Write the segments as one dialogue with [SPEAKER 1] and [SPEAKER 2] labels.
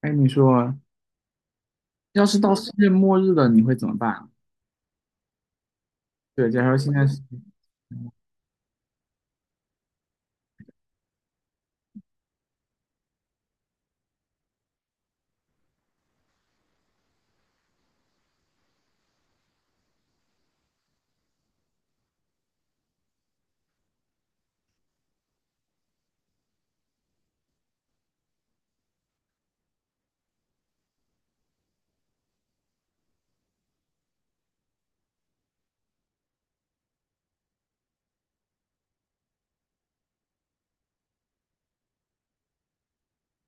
[SPEAKER 1] 哎，你说，要是到世界末日了，你会怎么办啊？对，假如现在是，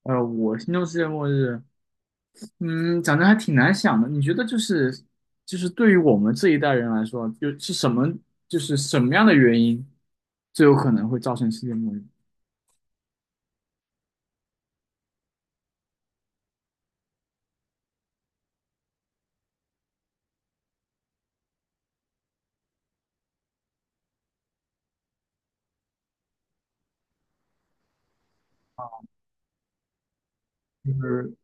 [SPEAKER 1] 我心中世界末日，嗯，讲真还挺难想的。你觉得就是对于我们这一代人来说，就是什么样的原因最有可能会造成世界末日？就是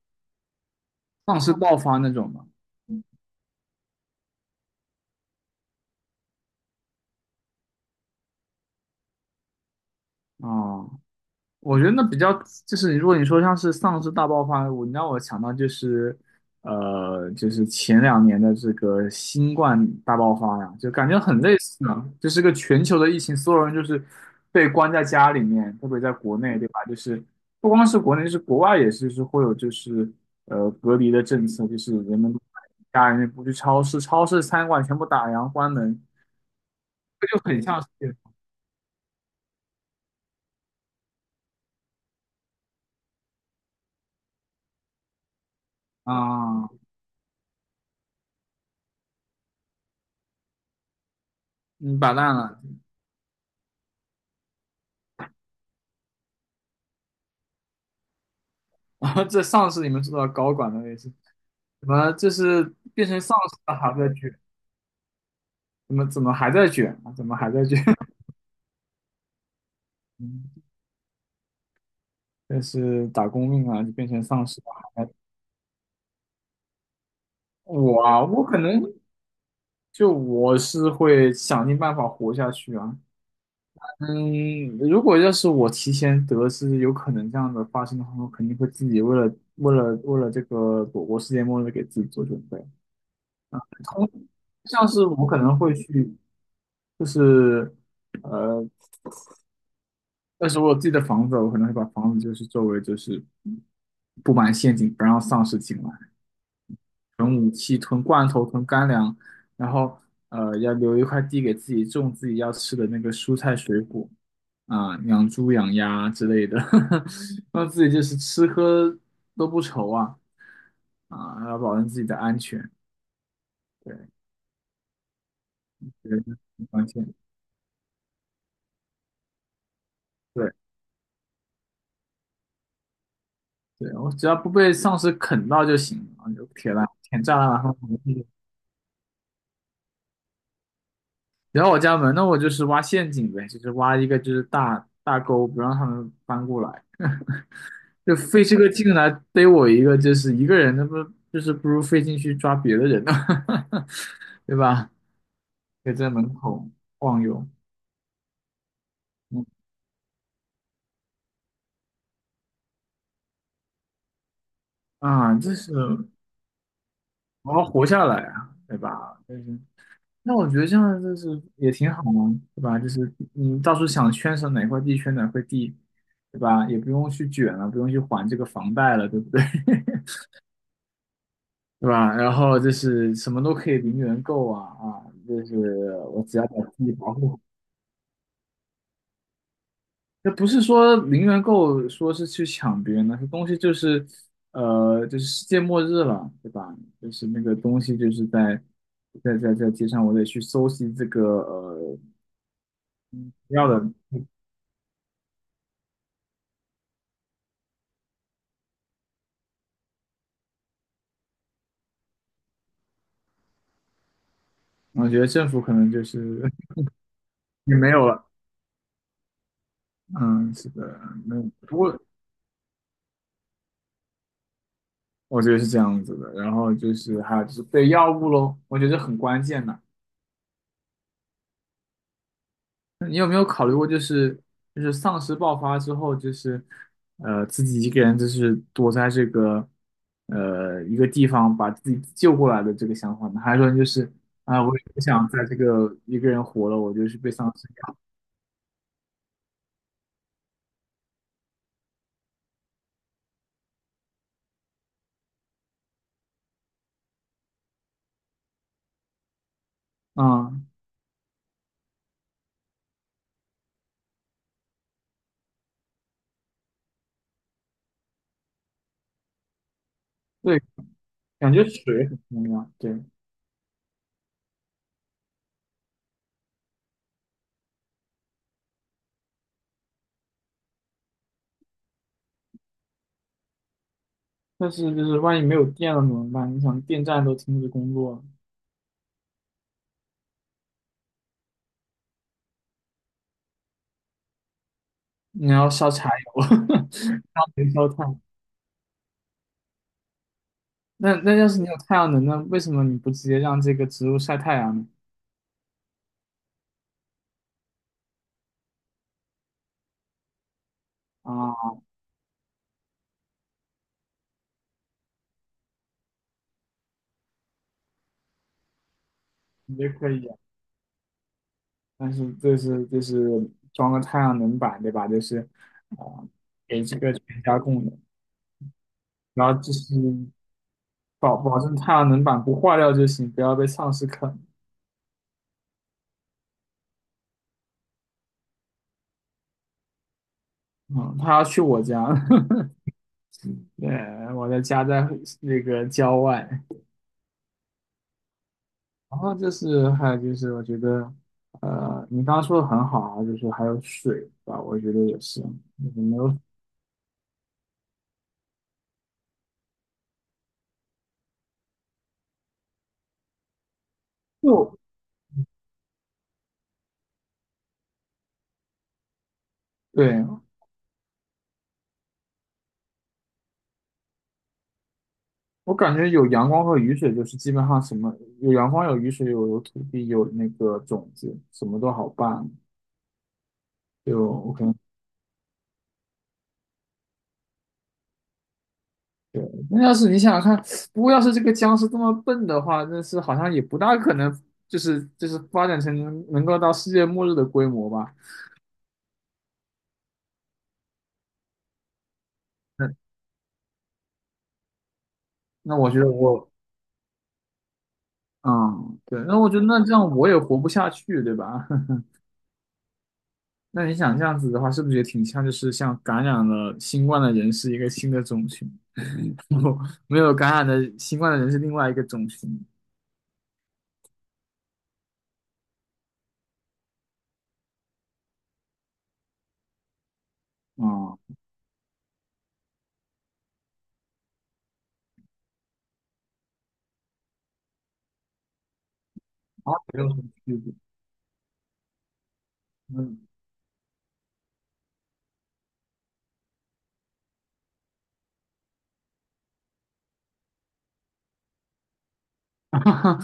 [SPEAKER 1] 丧尸爆发那种吗？啊、我觉得那比较就是如果你说像是丧尸大爆发，让我想到就是就是前两年的这个新冠大爆发呀，就感觉很类似呢，就是个全球的疫情，所有人就是被关在家里面，特别在国内，对吧？就是不光是国内，就是国外也是，就是会有就是隔离的政策，就是人们家人不去超市，超市餐馆全部打烊关门，这就很像是啊、嗯，摆烂了。然后这上司你们知道高管的位置？怎么这是变成丧尸了还在卷？怎么还在卷啊？怎么还在卷？嗯，这是打工命啊，就变成丧尸了还在我啊，我可能就我是会想尽办法活下去啊。嗯，如果要是我提前得知有可能这样的发生的话，我肯定会自己为了这个躲过世界末日给自己做准备。同像是我可能会去，就是但是我有自己的房子，我可能会把房子就是周围就是布满陷阱，不让丧尸进来，囤武器、囤罐头、囤干粮，然后要留一块地给自己种自己要吃的那个蔬菜水果啊、养猪养鸭之类的，让自己就是吃喝都不愁啊啊，要保证自己的安全，对，觉得很关键，对对，我只要不被丧尸啃到就行了，就铁栏、铁栅栏然后。然后我家门，那我就是挖陷阱呗，就是挖一个就是大大沟，不让他们翻过来，就费这个劲来逮我一个，就是一个人，那不就是不如费劲去抓别的人呢，对吧？可以在门口晃悠，嗯啊，这是我要活下来啊，对吧？就是，那我觉得这样就是也挺好嘛，对吧？就是你到时候想圈上哪块地圈哪块地，对吧？也不用去卷了，不用去还这个房贷了，对不对？对吧？然后就是什么都可以零元购啊啊，就是我只要把自己保护好。那不是说零元购说是去抢别人的，这东西就是，就是世界末日了，对吧？就是那个东西就是在在街上，我得去搜集这个要的。我觉得政府可能就是 也没有了，嗯，是的，那不过我觉得是这样子的。然后就是还有就是对药物喽，我觉得很关键的。你有没有考虑过，就是丧尸爆发之后，就是自己一个人就是躲在这个一个地方把自己救过来的这个想法呢？还是说你就是啊、我也不想在这个一个人活了，我就是被丧尸咬？嗯，对，感觉水很重要，对。但是就是万一没有电了怎么办？你想电站都停止工作了，你要烧柴油，烧煤烧炭。那那要是你有太阳能呢？为什么你不直接让这个植物晒太阳呢？啊，也可以啊，但是这是装个太阳能板，对吧？就是啊、给这个全家供的，然后就是保证太阳能板不坏掉就行，不要被丧尸啃。嗯，他要去我家，对，我的家在那个郊外。然后就是还有就是，我觉得，你刚刚说的很好啊，就是还有水吧，我觉得也是，就是没有就对我感觉有阳光和雨水，就是基本上什么有阳光、有雨水、有土地、有那个种子，什么都好办。就 OK。对，那要是你想想看，不过要是这个僵尸这么笨的话，那是好像也不大可能，就是发展成能够到世界末日的规模吧。那那我觉得我嗯，对，那我觉得那这样我也活不下去，对吧？那你想这样子的话，是不是也挺像就是像感染了新冠的人是一个新的种群？没有感染的新冠的人是另外一个种群。啊，啊，没有什么区别。嗯，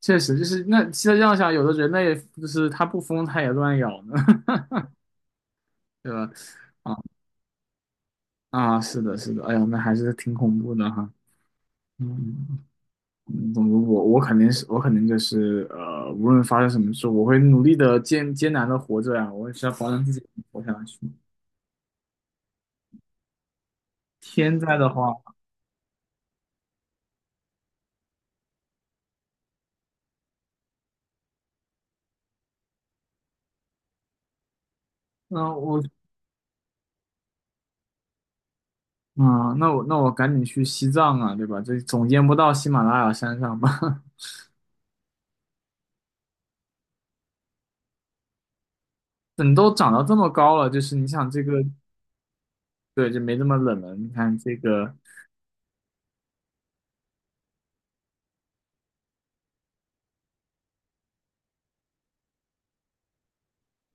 [SPEAKER 1] 确实就是那再这样想，有的人类就是他不疯，他也乱咬呢，对吧？啊啊，是的，是的，哎呀，那还是挺恐怖的哈。嗯，嗯总之我肯定是我肯定就是无论发生什么事，我会努力的艰难的活着呀、我也是要保证自己能活下去。天灾的话，那我啊，那我赶紧去西藏啊，对吧？这总见不到喜马拉雅山上吧？等都长到这么高了，就是你想这个，对，就没这么冷了。你看这个，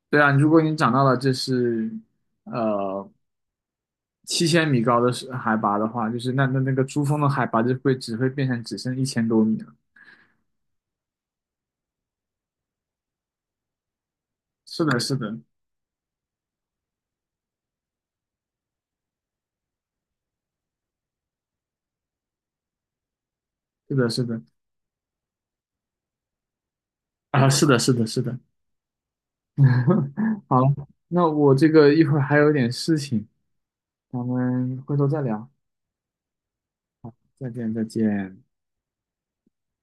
[SPEAKER 1] 对啊，如果你长到了这是呃7000米高的是海拔的话，就是那那那个珠峰的海拔就会只会变成只剩1000多米了。是的，是的，是的，是的，啊，是的，是的，是的。好，那我这个一会儿还有点事情，咱们回头再聊，再见，再见。